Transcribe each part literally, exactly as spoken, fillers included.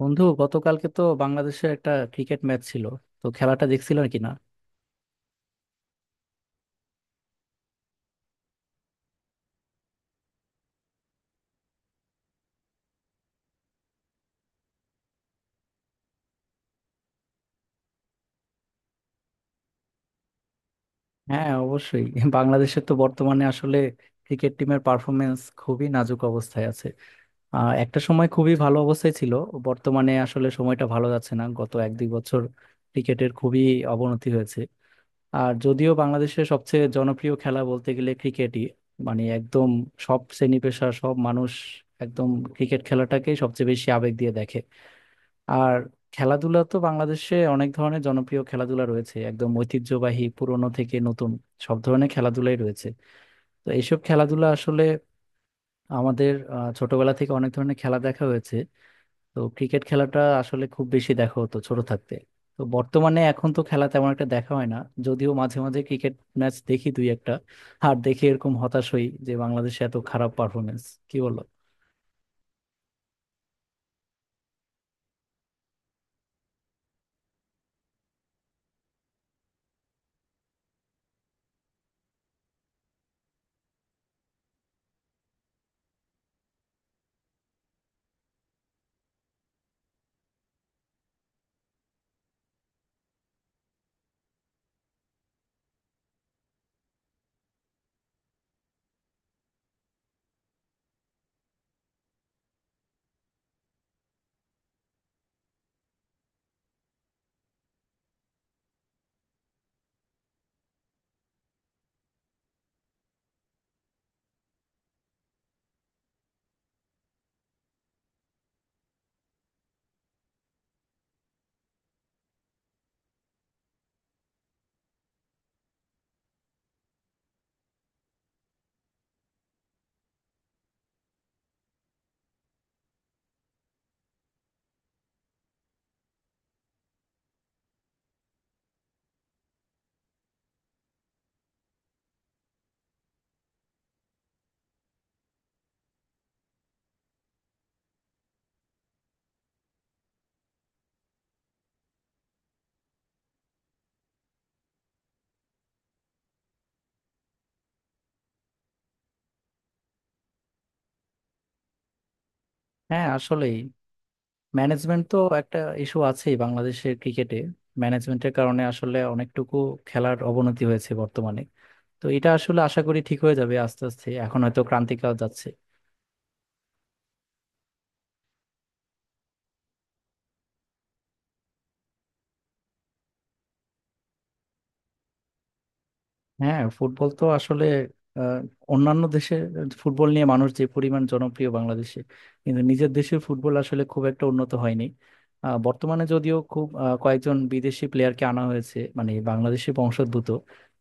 বন্ধু, গতকালকে তো বাংলাদেশের একটা ক্রিকেট ম্যাচ ছিল। তো খেলাটা দেখছিল নাকি না? হ্যাঁ, অবশ্যই। বাংলাদেশের তো বর্তমানে আসলে ক্রিকেট টিমের পারফরমেন্স খুবই নাজুক অবস্থায় আছে। আহ, একটা সময় খুবই ভালো অবস্থায় ছিল। বর্তমানে আসলে সময়টা ভালো যাচ্ছে না, গত এক দুই বছর ক্রিকেটের খুবই অবনতি হয়েছে। আর যদিও বাংলাদেশের সবচেয়ে জনপ্রিয় খেলা বলতে গেলে ক্রিকেটই, মানে একদম সব শ্রেণী পেশা সব মানুষ একদম ক্রিকেট খেলাটাকেই সবচেয়ে বেশি আবেগ দিয়ে দেখে। আর খেলাধুলা তো বাংলাদেশে অনেক ধরনের জনপ্রিয় খেলাধুলা রয়েছে, একদম ঐতিহ্যবাহী পুরনো থেকে নতুন সব ধরনের খেলাধুলাই রয়েছে। তো এইসব খেলাধুলা আসলে আমাদের আহ, ছোটবেলা থেকে অনেক ধরনের খেলা দেখা হয়েছে। তো ক্রিকেট খেলাটা আসলে খুব বেশি দেখা হতো ছোট থাকতে। তো বর্তমানে এখন তো খেলা তেমন একটা দেখা হয় না, যদিও মাঝে মাঝে ক্রিকেট ম্যাচ দেখি দুই একটা। আর দেখে এরকম হতাশ হই যে বাংলাদেশে এত খারাপ পারফরমেন্স। কি বলো? হ্যাঁ, আসলেই। ম্যানেজমেন্ট তো একটা ইস্যু আছেই বাংলাদেশের ক্রিকেটে। ম্যানেজমেন্টের কারণে আসলে অনেকটুকু খেলার অবনতি হয়েছে বর্তমানে। তো এটা আসলে আশা করি ঠিক হয়ে যাবে আস্তে আস্তে, এখন হয়তো ক্রান্তিকাল যাচ্ছে। হ্যাঁ, ফুটবল তো আসলে আহ, অন্যান্য দেশের ফুটবল নিয়ে মানুষ যে পরিমাণ জনপ্রিয় বাংলাদেশে, কিন্তু নিজের দেশের ফুটবল আসলে খুব একটা উন্নত হয়নি। আহ, বর্তমানে যদিও খুব আহ, কয়েকজন বিদেশি প্লেয়ারকে আনা হয়েছে, মানে বাংলাদেশি বংশোদ্ভূত,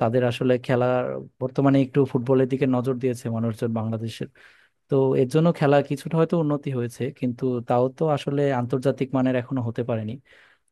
তাদের আসলে খেলার বর্তমানে একটু ফুটবলের দিকে নজর দিয়েছে মানুষজন বাংলাদেশের। তো এর জন্য খেলা কিছুটা হয়তো উন্নতি হয়েছে, কিন্তু তাও তো আসলে আন্তর্জাতিক মানের এখনো হতে পারেনি।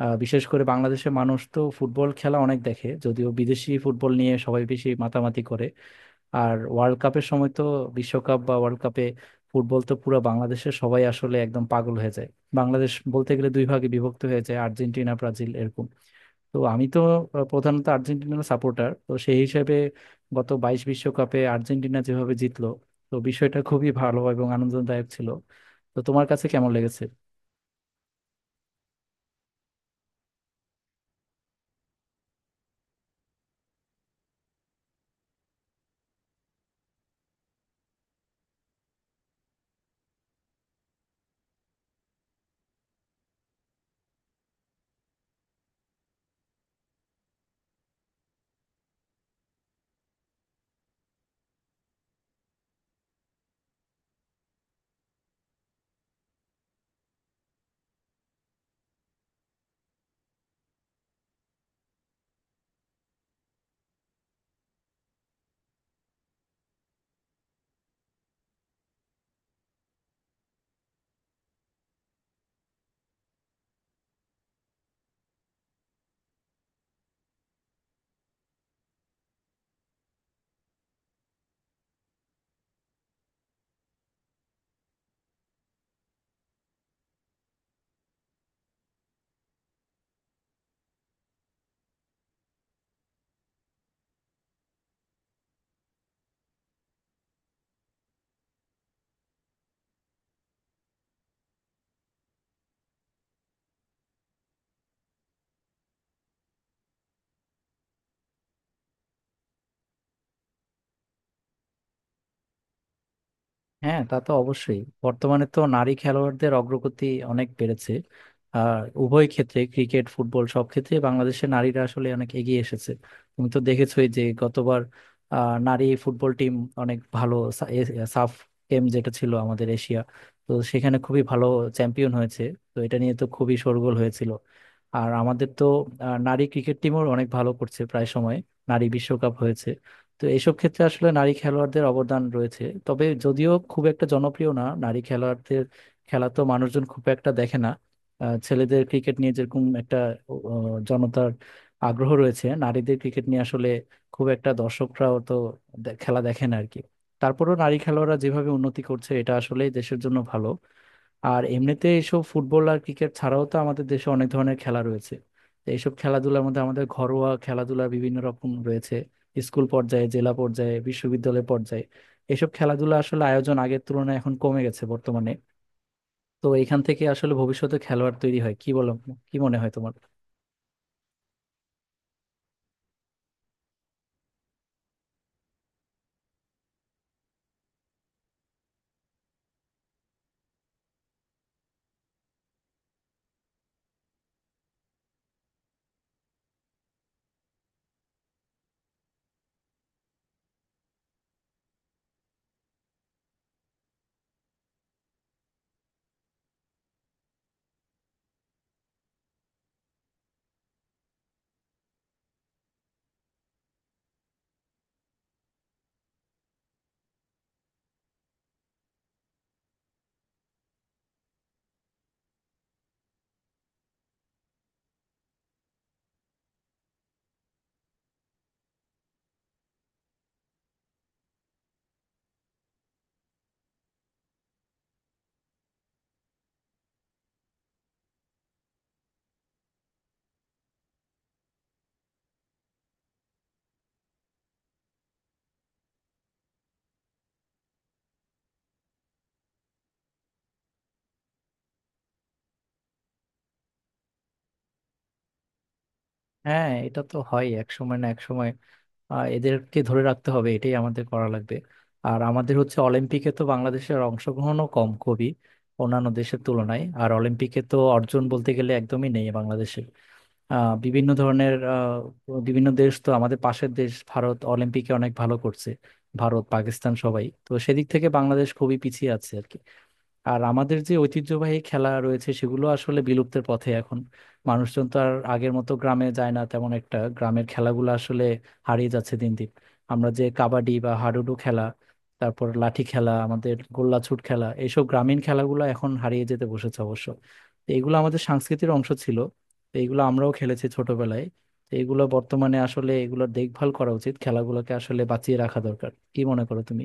আহ, বিশেষ করে বাংলাদেশের মানুষ তো ফুটবল খেলা অনেক দেখে, যদিও বিদেশি ফুটবল নিয়ে সবাই বেশি মাতামাতি করে। আর ওয়ার্ল্ড কাপের সময় তো, বিশ্বকাপ বা ওয়ার্ল্ড কাপে ফুটবল তো পুরো বাংলাদেশের সবাই আসলে একদম পাগল হয়ে যায়। বাংলাদেশ বলতে গেলে দুই ভাগে বিভক্ত হয়ে যায়, আর্জেন্টিনা, ব্রাজিল এরকম। তো আমি তো প্রধানত আর্জেন্টিনার সাপোর্টার, তো সেই হিসেবে গত বাইশ বিশ্বকাপে আর্জেন্টিনা যেভাবে জিতলো, তো বিষয়টা খুবই ভালো এবং আনন্দদায়ক ছিল। তো তোমার কাছে কেমন লেগেছে? হ্যাঁ, তা তো অবশ্যই। বর্তমানে তো নারী খেলোয়াড়দের অগ্রগতি অনেক বেড়েছে। আর উভয় ক্ষেত্রে ক্রিকেট, ফুটবল, সব ক্ষেত্রে বাংলাদেশের নারীরা আসলে অনেক এগিয়ে এসেছে। তুমি তো দেখেছোই যে গতবার আহ, নারী ফুটবল টিম অনেক ভালো সা- এ- সাফ গেম যেটা ছিল আমাদের এশিয়া, তো সেখানে খুবই ভালো চ্যাম্পিয়ন হয়েছে। তো এটা নিয়ে তো খুবই শোরগোল হয়েছিল। আর আমাদের তো আহ, নারী ক্রিকেট টিমও অনেক ভালো করছে প্রায় সময়। নারী বিশ্বকাপ হয়েছে। তো এইসব ক্ষেত্রে আসলে নারী খেলোয়াড়দের অবদান রয়েছে, তবে যদিও খুব একটা জনপ্রিয় না নারী খেলোয়াড়দের। খেলা তো মানুষজন খুব একটা দেখে না। আহ, ছেলেদের ক্রিকেট নিয়ে যেরকম একটা আহ, জনতার আগ্রহ রয়েছে, নারীদের ক্রিকেট নিয়ে আসলে খুব একটা দর্শকরাও তো দে- খেলা দেখে না আর কি। তারপরেও নারী খেলোয়াড়রা যেভাবে উন্নতি করছে, এটা আসলে দেশের জন্য ভালো। আর এমনিতে এসব ফুটবল আর ক্রিকেট ছাড়াও তো আমাদের দেশে অনেক ধরনের খেলা রয়েছে। তো এইসব খেলাধুলার মধ্যে আমাদের ঘরোয়া খেলাধুলা বিভিন্ন রকম রয়েছে। স্কুল পর্যায়ে, জেলা পর্যায়ে, বিশ্ববিদ্যালয় পর্যায়ে এসব খেলাধুলা আসলে আয়োজন আগের তুলনায় এখন কমে গেছে বর্তমানে। তো এখান থেকে আসলে ভবিষ্যতে খেলোয়াড় তৈরি হয় কি? বলো, কি মনে হয় তোমার? হ্যাঁ, এটা তো হয়, এক সময় না এক সময় আহ, এদেরকে ধরে রাখতে হবে, এটাই আমাদের করা লাগবে। আর আমাদের হচ্ছে, অলিম্পিকে তো বাংলাদেশের অংশগ্রহণও কম খুবই, অন্যান্য দেশের তুলনায়। আর অলিম্পিকে তো অর্জন বলতে গেলে একদমই নেই বাংলাদেশের। আহ, বিভিন্ন ধরনের আহ, বিভিন্ন দেশ তো, আমাদের পাশের দেশ ভারত অলিম্পিকে অনেক ভালো করছে। ভারত, পাকিস্তান সবাই তো, সেদিক থেকে বাংলাদেশ খুবই পিছিয়ে আছে আর কি। আর আমাদের যে ঐতিহ্যবাহী খেলা রয়েছে সেগুলো আসলে বিলুপ্তের পথে এখন। মানুষজন তো আর আগের মতো গ্রামে যায় না তেমন একটা, গ্রামের খেলাগুলো আসলে হারিয়ে যাচ্ছে দিন দিন। আমরা যে কাবাডি বা হাডুডু খেলা, তারপর লাঠি খেলা, আমাদের গোল্লাছুট খেলা, এইসব গ্রামীণ খেলাগুলো এখন হারিয়ে যেতে বসেছে অবশ্য। তো এগুলো আমাদের সংস্কৃতির অংশ ছিল। তো এগুলো আমরাও খেলেছি ছোটবেলায়। তো এগুলো বর্তমানে আসলে এগুলোর দেখভাল করা উচিত, খেলাগুলোকে আসলে বাঁচিয়ে রাখা দরকার। কি মনে করো তুমি?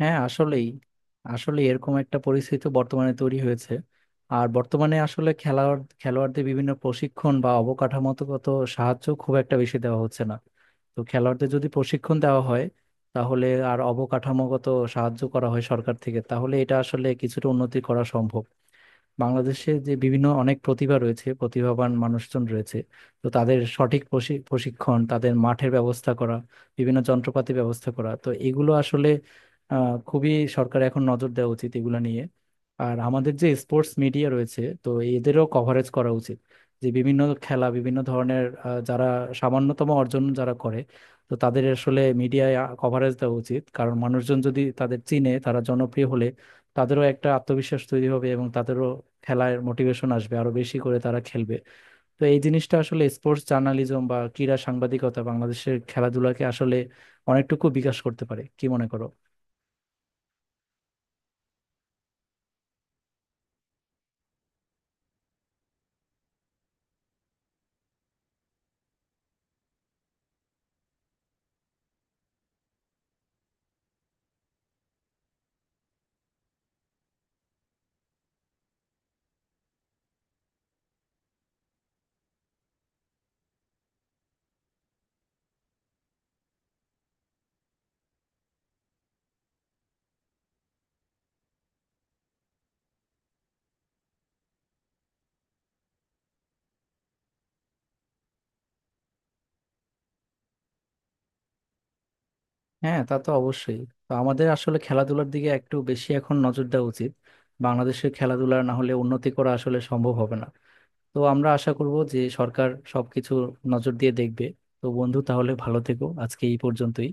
হ্যাঁ, আসলেই। আসলে এরকম একটা পরিস্থিতি বর্তমানে তৈরি হয়েছে। আর বর্তমানে আসলে খেলোয়াড় খেলোয়াড়দের বিভিন্ন প্রশিক্ষণ বা অবকাঠামোগত সাহায্য খুব একটা বেশি দেওয়া হচ্ছে না। তো খেলোয়াড়দের যদি প্রশিক্ষণ দেওয়া হয়, তাহলে আর অবকাঠামোগত সাহায্য করা হয় সরকার থেকে, তাহলে এটা আসলে কিছুটা উন্নতি করা সম্ভব। বাংলাদেশে যে বিভিন্ন অনেক প্রতিভা রয়েছে, প্রতিভাবান মানুষজন রয়েছে, তো তাদের সঠিক প্রশি- প্রশিক্ষণ, তাদের মাঠের ব্যবস্থা করা, বিভিন্ন যন্ত্রপাতি ব্যবস্থা করা, তো এগুলো আসলে আহ, খুবই, সরকার এখন নজর দেওয়া উচিত এগুলো নিয়ে। আর আমাদের যে স্পোর্টস মিডিয়া রয়েছে, তো এদেরও কভারেজ করা উচিত যে বিভিন্ন খেলা, বিভিন্ন ধরনের আহ, যারা সামান্যতম অর্জন যারা করে, তো তাদের আসলে মিডিয়ায় কভারেজ দেওয়া উচিত। কারণ মানুষজন যদি তাদের চিনে, তারা জনপ্রিয় হলে তাদেরও একটা আত্মবিশ্বাস তৈরি হবে এবং তাদেরও খেলার মোটিভেশন আসবে, আরো বেশি করে তারা খেলবে। তো এই জিনিসটা আসলে স্পোর্টস জার্নালিজম বা ক্রীড়া সাংবাদিকতা বাংলাদেশের খেলাধুলাকে আসলে অনেকটুকু বিকাশ করতে পারে। কি মনে করো? হ্যাঁ, তা তো অবশ্যই। তো আমাদের আসলে খেলাধুলার দিকে একটু বেশি এখন নজর দেওয়া উচিত, বাংলাদেশের খেলাধুলার না হলে উন্নতি করা আসলে সম্ভব হবে না। তো আমরা আশা করব যে সরকার সবকিছু নজর দিয়ে দেখবে। তো বন্ধু, তাহলে ভালো থেকো, আজকে এই পর্যন্তই।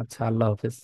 আচ্ছা, আল্লাহ হাফেজ।